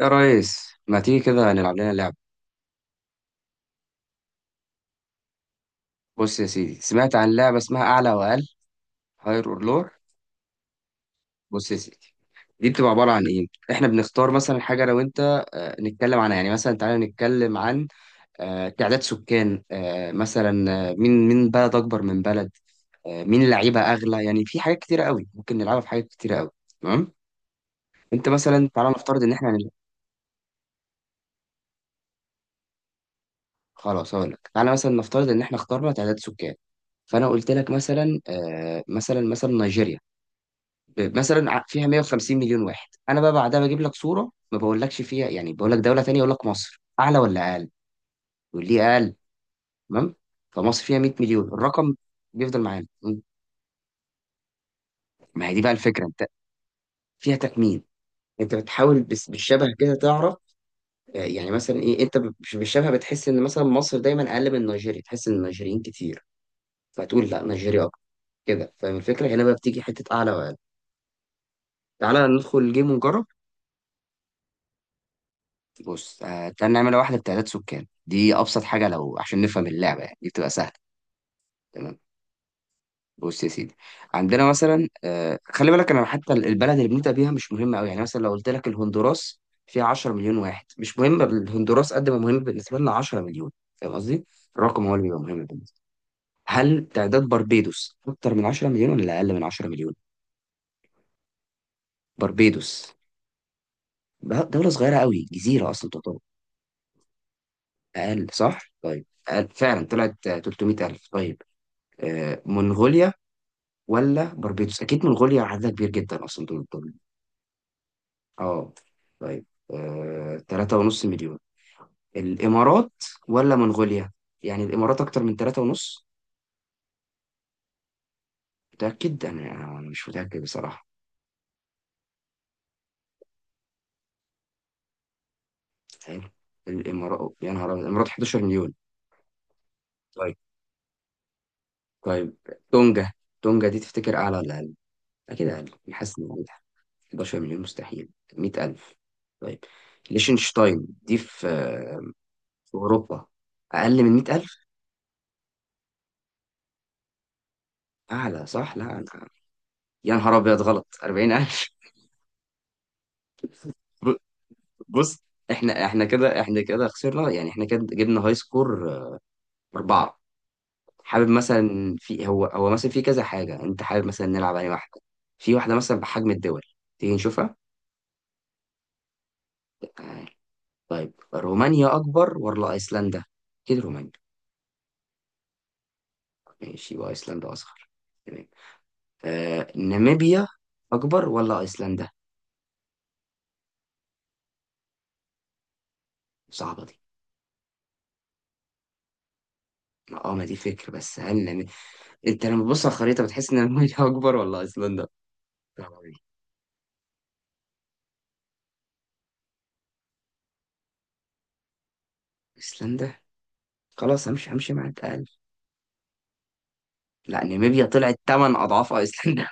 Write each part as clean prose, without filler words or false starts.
يا ريس، ما تيجي كده نلعب لنا لعبة؟ بص يا سيدي، سمعت عن لعبة اسمها أعلى وأقل، هاير أور لور. بص يا سيدي، دي بتبقى عبارة عن إيه؟ إحنا بنختار مثلا حاجة أنا وأنت، نتكلم عنها. يعني مثلا تعالى نتكلم عن تعداد سكان، آه، مثلا آه، مين بلد أكبر من بلد، مين لعيبة أغلى. يعني في حاجات كتيرة قوي ممكن نلعبها، في حاجات كتيرة قوي. تمام؟ أنت مثلا تعالى نفترض إن إحنا هنلعب. خلاص هقول لك. تعالى مثلا نفترض إن إحنا اخترنا تعداد سكان، فأنا قلت لك مثلا، مثلا نيجيريا، فيها 150 مليون واحد. انا بقى بعدها بجيب لك صوره، ما بقولكش فيها، يعني بقول لك دوله تانية، اقول لك مصر اعلى ولا اقل. يقول لي اقل. تمام، فمصر فيها 100 مليون. الرقم بيفضل معانا. ما هي دي بقى الفكره، انت فيها تخمين. انت بتحاول بس بالشبه كده تعرف. يعني مثلا ايه، انت مش بالشبه، بتحس ان مثلا مصر دايما اقل من نيجيريا، تحس ان النيجيريين كتير فتقول لا نيجيريا اكتر. كده فاهم الفكره؟ هنا بقى بتيجي حته اعلى واقل. تعالى ندخل الجيم ونجرب. بص، تعال نعمل واحدة بتعداد سكان، دي أبسط حاجة لو عشان نفهم اللعبة، يعني دي بتبقى سهلة. تمام. بص يا سيدي، عندنا مثلا، خلي بالك أنا حتى البلد اللي بنبدأ بيها مش مهمة أوي. يعني مثلا لو قلت لك الهندوراس فيها 10 مليون واحد، مش مهم الهندوراس قد ما مهم بالنسبة لنا 10 مليون. فاهم قصدي؟ الرقم هو اللي بيبقى مهم بالنسبة. هل تعداد بربيدوس أكتر من 10 مليون ولا أقل من 10 مليون؟ بربيدوس دولة صغيرة أوي، جزيرة أصلا تعتبر. أقل صح؟ طيب أقل فعلا طلعت، 300 ألف. طيب، منغوليا ولا بربيتوس؟ اكيد منغوليا عددها كبير جدا اصلا، دول. اه طيب، 3.5 مليون. الامارات ولا منغوليا؟ يعني الامارات اكتر من 3.5؟ متأكد؟ أنا مش متأكد بصراحة. حلو، الامارات، يا نهار أبيض، الامارات 11 مليون. طيب طيب، تونجا. تونجا دي تفتكر اعلى ولا اقل؟ اكيد اقل. حاسس ان أقل. 11 مليون مستحيل، 100,000. طيب، ليشنشتاين دي في في اوروبا. اقل من 100,000؟ اعلى صح. لا انا، يا نهار ابيض غلط، 40,000. ب- بص، احنا كده خسرنا، يعني احنا كده جبنا هاي سكور 4. حابب مثلا في هو هو مثلا في كذا حاجه، انت حابب مثلا نلعب على واحده؟ في واحده مثلا بحجم الدول، تيجي نشوفها؟ تعال. طيب رومانيا اكبر ولا ايسلندا؟ اكيد رومانيا. ماشي، وايسلندا اصغر. تمام. آه ناميبيا، اكبر ولا ايسلندا؟ صعبه دي. اه، ما دي فكره. بس هل انت لما تبص على الخريطة بتحس ان المية اكبر ولا ايسلندا؟ طبعاً. ايسلندا، خلاص، همشي مع الأقل. لا، ناميبيا طلعت تمن اضعاف ايسلندا.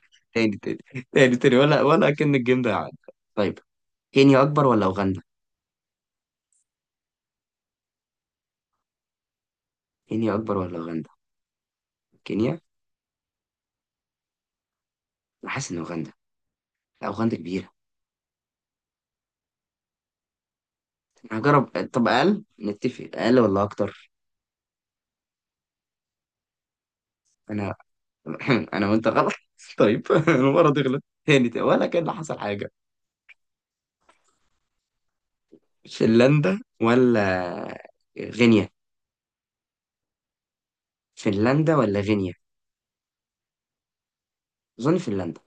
تاني تاني تاني تاني، ولا كأن الجيم ده عدى. طيب كينيا اكبر ولا اوغندا؟ كينيا اكبر ولا اوغندا؟ كينيا؟ انا حاسس ان اوغندا. لا اوغندا كبيرة. انا هجرب. طب اقل، نتفق اقل ولا اكتر؟ انا انا وانت غلط. طيب. المرة تغلط، تاني تاني ولا كأن حصل حاجة. فنلندا ولا غينيا؟ فنلندا ولا غينيا؟ أظن فنلندا.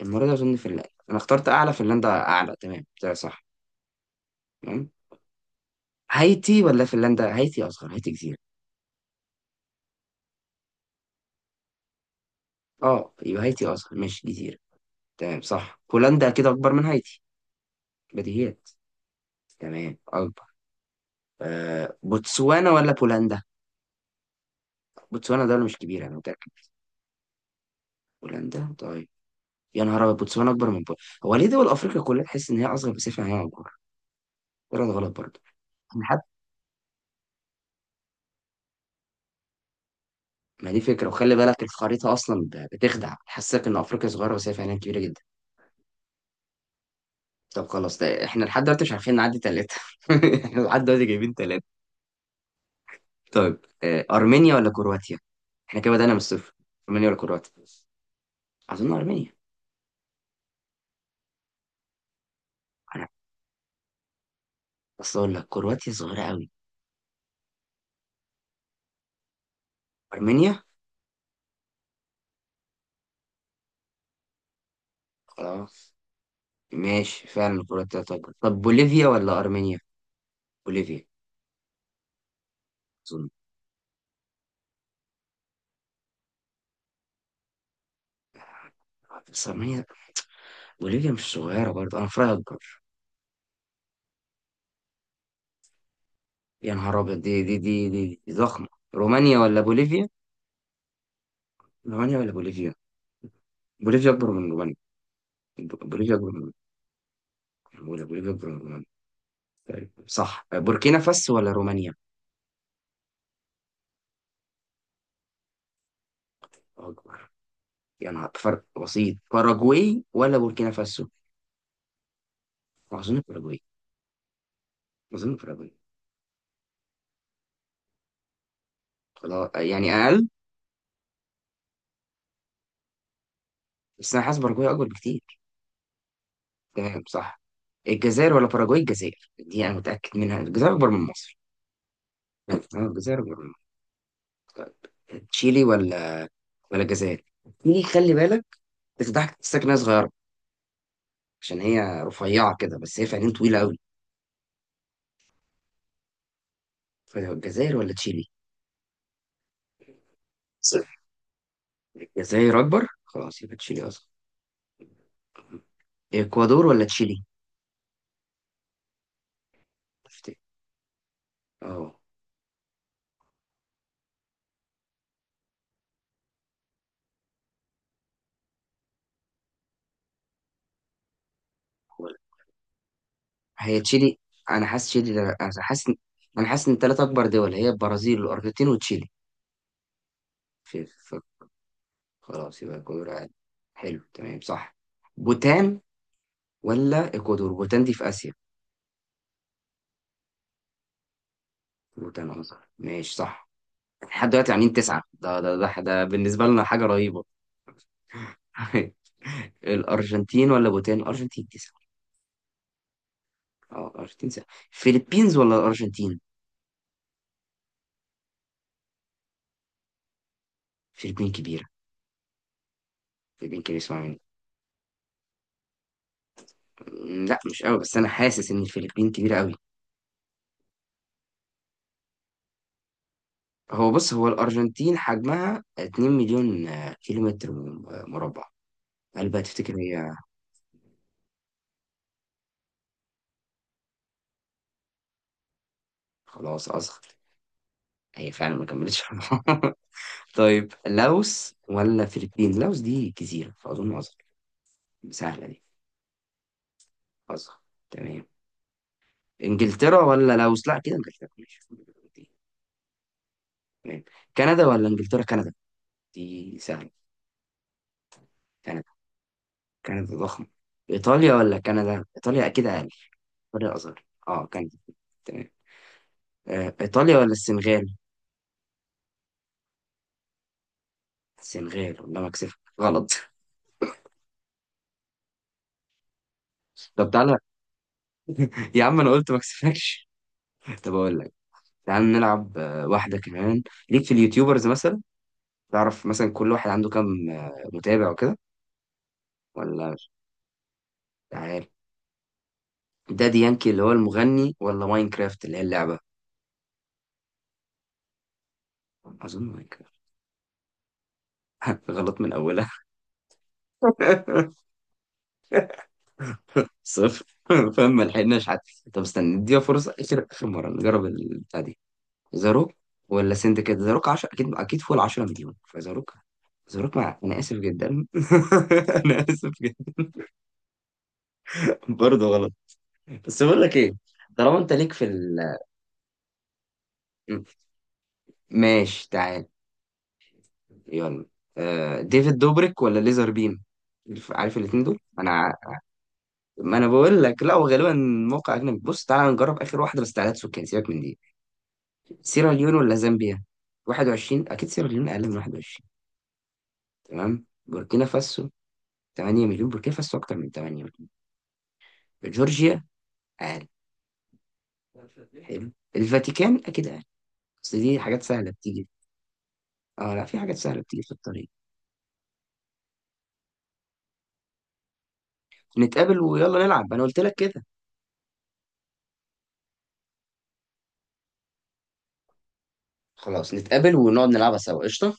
المرة دي أظن فنلندا. أنا اخترت أعلى، فنلندا أعلى. تمام ده صح. تمام. هايتي ولا فنلندا؟ هايتي أصغر، هايتي جزيرة. أه يبقى هايتي أصغر، ماشي جزيرة. تمام صح، هولندا كده أكبر من هايتي، بديهيات. تمام أكبر. آه بوتسوانا ولا بولندا؟ بوتسوانا دولة مش كبيرة، أنا متأكد. بولندا. طيب. يا نهار أبيض، بوتسوانا أكبر من بولندا؟ هو ليه دول أفريقيا كلها تحس إن هي أصغر بس هي أكبر؟ ولا ده غلط برضه؟ أنا حتى ما دي فكرة، وخلي بالك الخريطة أصلا بتخدع، تحسسك إن أفريقيا صغيرة بس هي فعلا كبيرة جدا. طب خلاص، ده احنا لحد دلوقتي مش عارفين نعدي 3. احنا لحد دلوقتي جايبين 3. طيب، أرمينيا ولا كرواتيا؟ احنا كده بدأنا من الصفر. أرمينيا ولا كرواتيا؟ أظن أرمينيا، أنا. أصل أقول لك كرواتيا صغيرة قوي. أرمينيا؟ خلاص. ماشي فعلا كرواتيا. طب طب، بوليفيا ولا أرمينيا؟ بوليفيا أظن. بس أرمينيا، بوليفيا مش صغيرة برضه، أنا فراغ أكبر. يا نهار أبيض، دي ضخمة. رومانيا ولا بوليفيا؟ رومانيا ولا بوليفيا؟ بوليفيا أكبر من رومانيا. بوليفيا أكبر من رومانيا. بوليفيا أكبر من رومانيا. طيب صح. بوركينا فاسو ولا رومانيا؟ الله أكبر. يا نهار، فرق بسيط. باراجواي ولا بوركينا فاسو؟ أظن باراجواي. أظن باراجواي. خلاص، يعني أقل. بس أنا حاسس باراجواي أكبر بكتير. تمام صح. الجزائر ولا باراجواي؟ الجزائر دي أنا متأكد منها، الجزائر أكبر من مصر. الجزائر أكبر من مصر. طيب تشيلي ولا الجزائر؟ تشيلي، خلي بالك، بتضحك، تحسسك إنها صغيرة عشان هي رفيعة كده، بس هي فعليا طويلة أوي. فالجزائر ولا تشيلي؟ صح. الجزائر أكبر؟ خلاص يبقى تشيلي أصغر. اكوادور ولا تشيلي؟ تفتكر؟ اه. ولا- هي تشيلي، انا حاسس تشيلي. انا حاسس ان الثلاث اكبر دول هي البرازيل والارجنتين وتشيلي. في في- خلاص يبقى اكوادور عادي. حلو تمام صح. بوتان ولا اكوادور؟ بوتان دي في اسيا. بوتان اصغر، ماشي صح. لحد دلوقتي عاملين 9، ده بالنسبة لنا حاجة رهيبة. الأرجنتين ولا بوتان؟ الأرجنتين 9. اه الارجنتين سهل. فيلبينز ولا الأرجنتين؟ فيلبين كبيرة. يمكن يسمع مني. لا مش قوي، بس انا حاسس ان الفلبين كبيره قوي. هو بص، الارجنتين حجمها 2 مليون كيلومتر مربع. هل بقى تفتكر هي؟ خلاص اصغر، هي فعلا ما كملتش. طيب لاوس ولا فلبين؟ لاوس دي جزيره فاظن اصغر. سهله دي. اصغر. تمام. انجلترا ولا لاوس؟ لا كده انجلترا، ماشي. تمام. كندا ولا انجلترا؟ كندا دي سهله. كندا. كندا ضخمة. إيطاليا ولا كندا؟ إيطاليا أكيد أقل. إيطاليا أصغر، أه كندا. تمام، إيطاليا ولا السنغال؟ السنغال. والله ما أكسفك، غلط. طب تعالى، يا عم أنا قلت ما أكسفكش. طب أقول لك، تعال نلعب واحدة كمان. ليك في اليوتيوبرز مثلا، تعرف مثلا كل واحد عنده كام متابع وكده ولا مش؟ تعال، دادي يانكي اللي هو المغني ولا ماينكرافت اللي هي اللعبة؟ أظن ماينكرافت. غلط من أولها. 0. فاهم؟ ما لحقناش حتى. طب استنى، نديها فرصه. اخر اخر مره نجرب البتاع دي. زاروك ولا سندكات؟ زاروك 10، اكيد اكيد فوق ال 10 مليون فزاروك. زاروك مع... انا اسف جدا. انا اسف جدا. برضه غلط. بس بقول لك ايه، طالما انت ليك في ال... ماشي تعال، يلا. آه، ديفيد دوبريك ولا ليزر بيم؟ عارف الاتنين دول انا. ما انا بقول لك لا، هو غالبا موقع اجنبي. بص تعالى نجرب اخر واحده بس. تعالى سكان، سيبك من دي. سيراليون ولا زامبيا؟ 21. اكيد سيراليون اقل من 21. تمام. بوركينا فاسو، 8 مليون. بوركينا فاسو اكتر من 8 مليون. جورجيا. اقل. حلو. الفاتيكان اكيد اقل. بس دي حاجات سهله بتيجي. اه لا، في حاجات سهله بتيجي في الطريق. نتقابل ويلا نلعب، انا قلت لك كده. خلاص نتقابل ونقعد نلعبها سوا، قشطه.